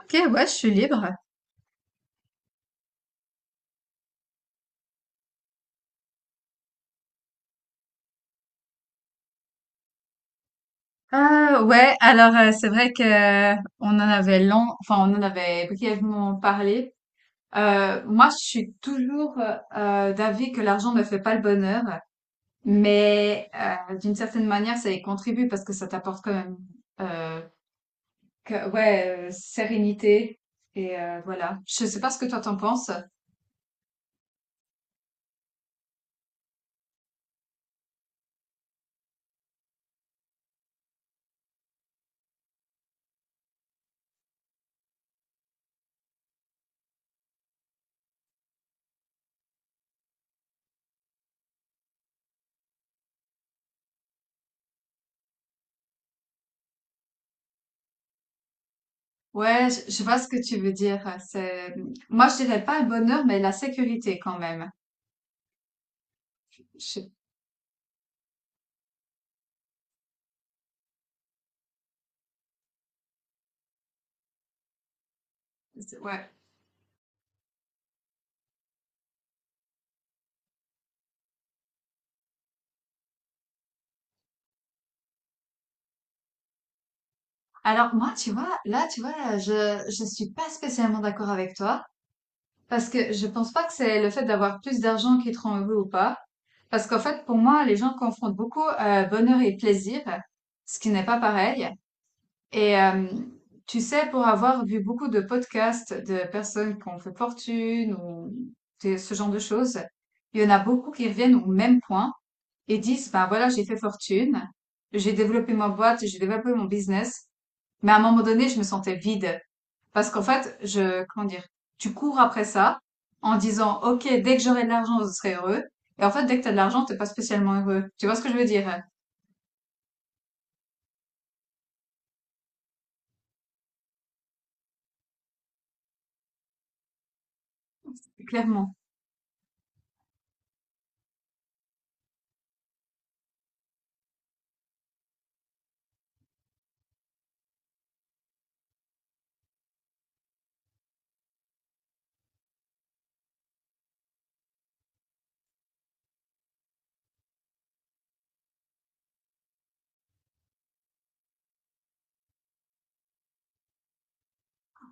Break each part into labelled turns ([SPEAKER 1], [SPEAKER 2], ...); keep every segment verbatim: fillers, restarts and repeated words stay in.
[SPEAKER 1] Ok, ouais, je suis libre. Euh, ouais, alors euh, c'est vrai que euh, on en avait long, enfin on en avait brièvement parlé. Euh, moi, je suis toujours euh, d'avis que l'argent ne fait pas le bonheur, mais euh, d'une certaine manière, ça y contribue parce que ça t'apporte quand même, euh, que- ouais, euh, sérénité et euh, voilà. Je sais pas ce que toi t'en penses. Ouais, je, je vois ce que tu veux dire. C'est, moi, je dirais pas le bonheur, mais la sécurité quand même. Je, ouais. Alors moi, tu vois, là, tu vois, je je suis pas spécialement d'accord avec toi parce que je pense pas que c'est le fait d'avoir plus d'argent qui te rend heureux ou pas. Parce qu'en fait, pour moi, les gens confondent beaucoup euh, bonheur et plaisir, ce qui n'est pas pareil. Et euh, tu sais, pour avoir vu beaucoup de podcasts de personnes qui ont fait fortune ou de- ce genre de choses, il y en a beaucoup qui reviennent au même point et disent, ben voilà, j'ai fait fortune, j'ai développé ma boîte, j'ai développé mon business. Mais à un moment donné, je me sentais vide. Parce qu'en fait, je, comment dire, tu cours après ça en disant, OK, dès que j'aurai de l'argent, je serai heureux. Et en fait, dès que t'as de l'argent, t'es pas spécialement heureux. Tu vois ce que je veux dire? euh, Clairement.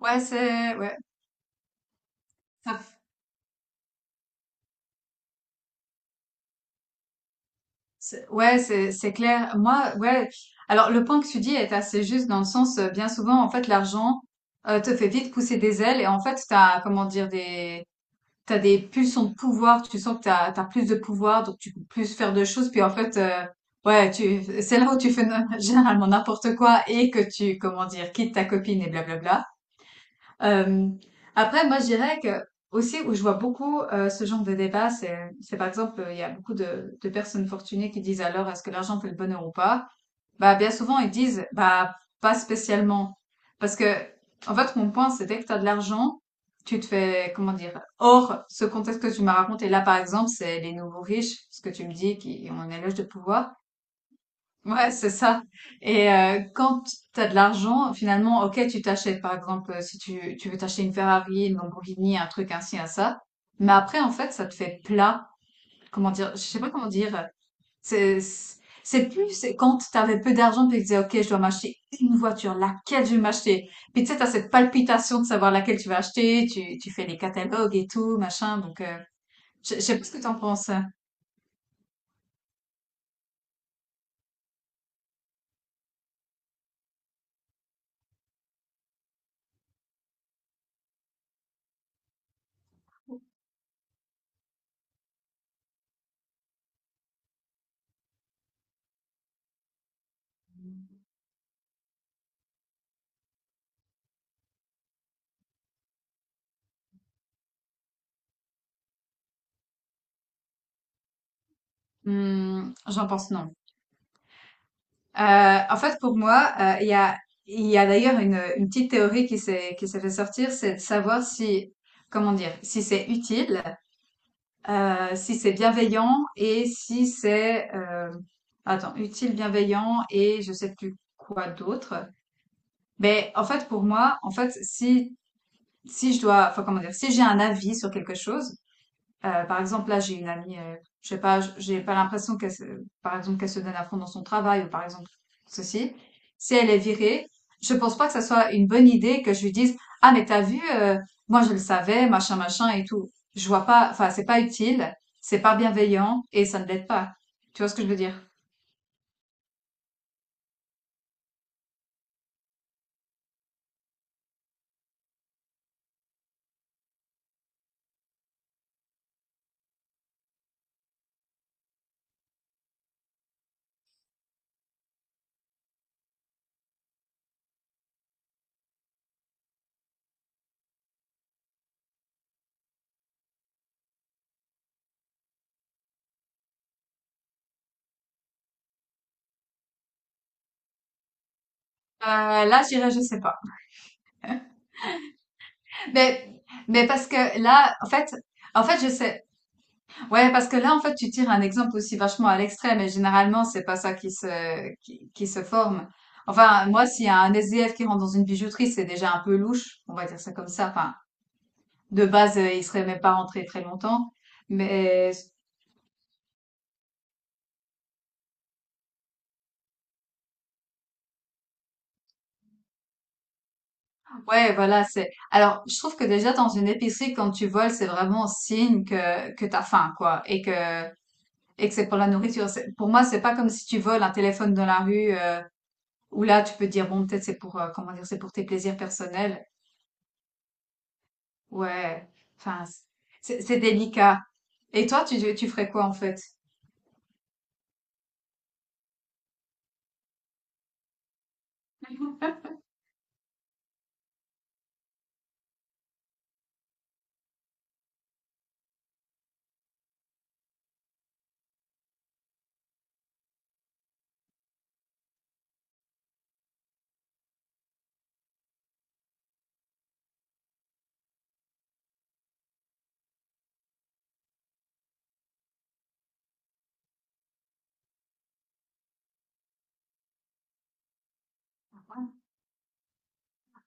[SPEAKER 1] Ouais, c'est, ouais, ça- c'est- ouais, c'est, c'est clair. Moi, ouais. Alors, le point que tu dis est assez juste dans le sens, euh, bien souvent, en fait, l'argent, euh, te fait vite pousser des ailes et en fait, t'as, comment dire, des, t'as des pulsions de pouvoir, tu sens que t'as t'as plus de pouvoir, donc tu peux plus faire de choses. Puis en fait, euh, ouais, tu, c'est là où tu fais généralement n'importe quoi et que tu, comment dire, quittes ta copine et blablabla. Euh, Après, moi, je dirais que aussi où je vois beaucoup euh, ce genre de débat, c'est, c'est par exemple, euh, il y a beaucoup de, de personnes fortunées qui disent alors est-ce que l'argent fait le bonheur ou pas? Bah, bien souvent, ils disent bah, pas spécialement. Parce que, en fait, mon point, c'est dès que tu as de l'argent, tu te fais, comment dire, hors ce contexte que tu m'as raconté. Là, par exemple, c'est les nouveaux riches, ce que tu me dis, qui ont un éloge de pouvoir. Ouais, c'est ça. Et euh, quand tu as de l'argent, finalement, ok, tu t'achètes, par exemple, euh, si tu, tu veux t'acheter une Ferrari, une Lamborghini, un truc ainsi, un ça. Mais après, en fait, ça te fait plat. Comment dire? Je sais pas comment dire. C'est, c'est c'est plus, c'est quand t'avais peu d'argent, puis tu disais, ok, je dois m'acheter une voiture, laquelle je vais m'acheter? Puis tu sais, t'as cette palpitation de savoir laquelle tu vas acheter, tu, tu fais les catalogues et tout, machin. Donc, euh, je, je sais pas ce que t'en penses. Hein. Hmm, j'en pense non. Euh, en fait, pour moi, euh, il y a, Il y a d'ailleurs une, une petite théorie qui s'est, qui s'est fait sortir, c'est de savoir si, comment dire, si c'est utile, euh, si c'est bienveillant et si c'est, euh, attends, utile, bienveillant et je sais plus quoi d'autre. Ben, en fait, pour moi, en fait, si, si je dois, enfin, comment dire, si j'ai un avis sur quelque chose, euh, par exemple, là, j'ai une amie, euh, je sais pas, j- j'ai pas l'impression qu'elle, se- par exemple, qu'elle se donne à fond dans son travail, ou par exemple, ceci. Si elle est virée, je pense pas que ça soit une bonne idée que je lui dise, ah, mais t'as vu, euh, moi, je le savais, machin, machin et tout. Je vois pas, enfin, c'est pas utile, c'est pas bienveillant, et ça ne l'aide pas. Tu vois ce que je veux dire? Euh, là, je dirais, je sais pas. Mais, mais parce que là, en fait, en fait, je sais, ouais, parce que là, en fait, tu tires un exemple aussi vachement à l'extrême et généralement, c'est pas ça qui se, qui, qui se forme. Enfin, moi, s'il y a un S D F qui rentre dans une bijouterie, c'est déjà un peu louche, on va dire ça comme ça. Enfin, de base, euh, il serait même pas rentré très longtemps. Mais ouais, voilà, c'est. Alors, je trouve que déjà dans une épicerie, quand tu voles, c'est vraiment signe que que t'as faim, quoi, et que et que c'est pour la nourriture. C'est- Pour moi, c'est pas comme si tu voles un téléphone dans la rue, euh, où là, tu peux te dire bon, peut-être c'est pour euh, comment dire, c'est pour tes plaisirs personnels. Ouais, enfin, c'est c'est délicat. Et toi, tu, tu ferais quoi en fait?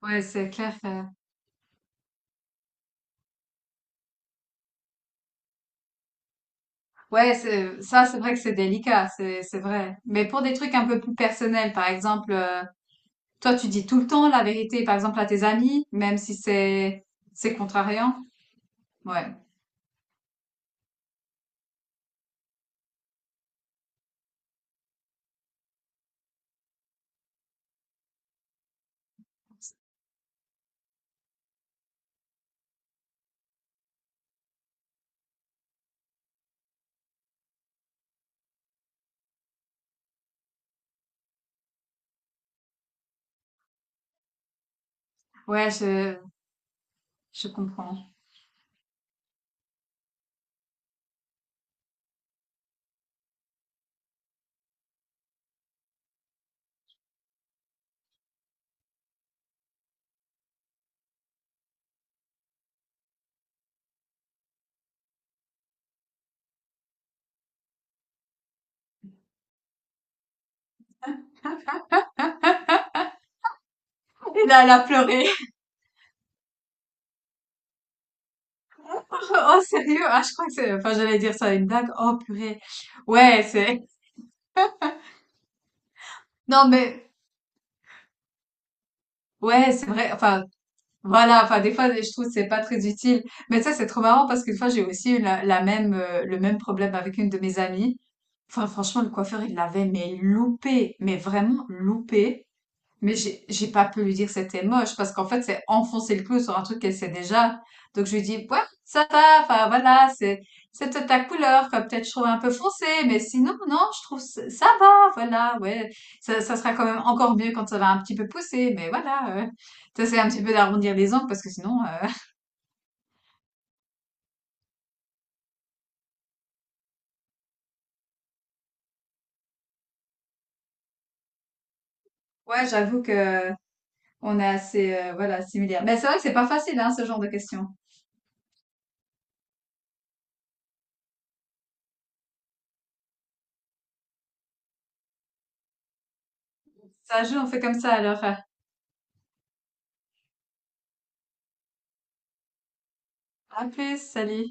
[SPEAKER 1] Ouais, c'est clair. que- Ouais, c'est, ça, c'est vrai que c'est délicat, c'est, c'est vrai. Mais pour des trucs un peu plus personnels, par exemple, euh, toi, tu dis tout le temps la vérité, par exemple, à tes amis, même si c'est, c'est contrariant. Ouais, ouais, je, je comprends. Et là, elle a pleuré. Oh, sérieux? Ah, je crois que c'est, enfin, j'allais dire ça, à une blague. Oh, purée. Ouais, c'est, non, mais, Ouais, c'est vrai. Enfin, Voilà, enfin des fois je trouve que c'est pas très utile. Mais ça c'est trop marrant parce qu'une fois j'ai aussi eu la, la même euh, le même problème avec une de mes amies. Enfin franchement le coiffeur il l'avait mais loupé, mais vraiment loupé. Mais j'ai j'ai pas pu lui dire que c'était moche parce qu'en fait, c'est enfoncer le clou sur un truc qu'elle sait déjà. Donc je lui dis, ouais, ça va, enfin voilà, c'est c'est peut-être ta couleur, quoi, peut-être je trouve un peu foncé, mais sinon, non, je trouve ça, ça va, voilà, ouais. Ça, ça sera quand même encore mieux quand ça va un petit peu pousser, mais voilà. Euh, t'essaies un petit peu d'arrondir les angles parce que sinon, euh, ouais, j'avoue que on est assez, euh, voilà, similaires. Mais c'est vrai que c'est pas facile, hein, ce genre de questions. Ça joue, on fait comme ça alors. euh, À plus, salut.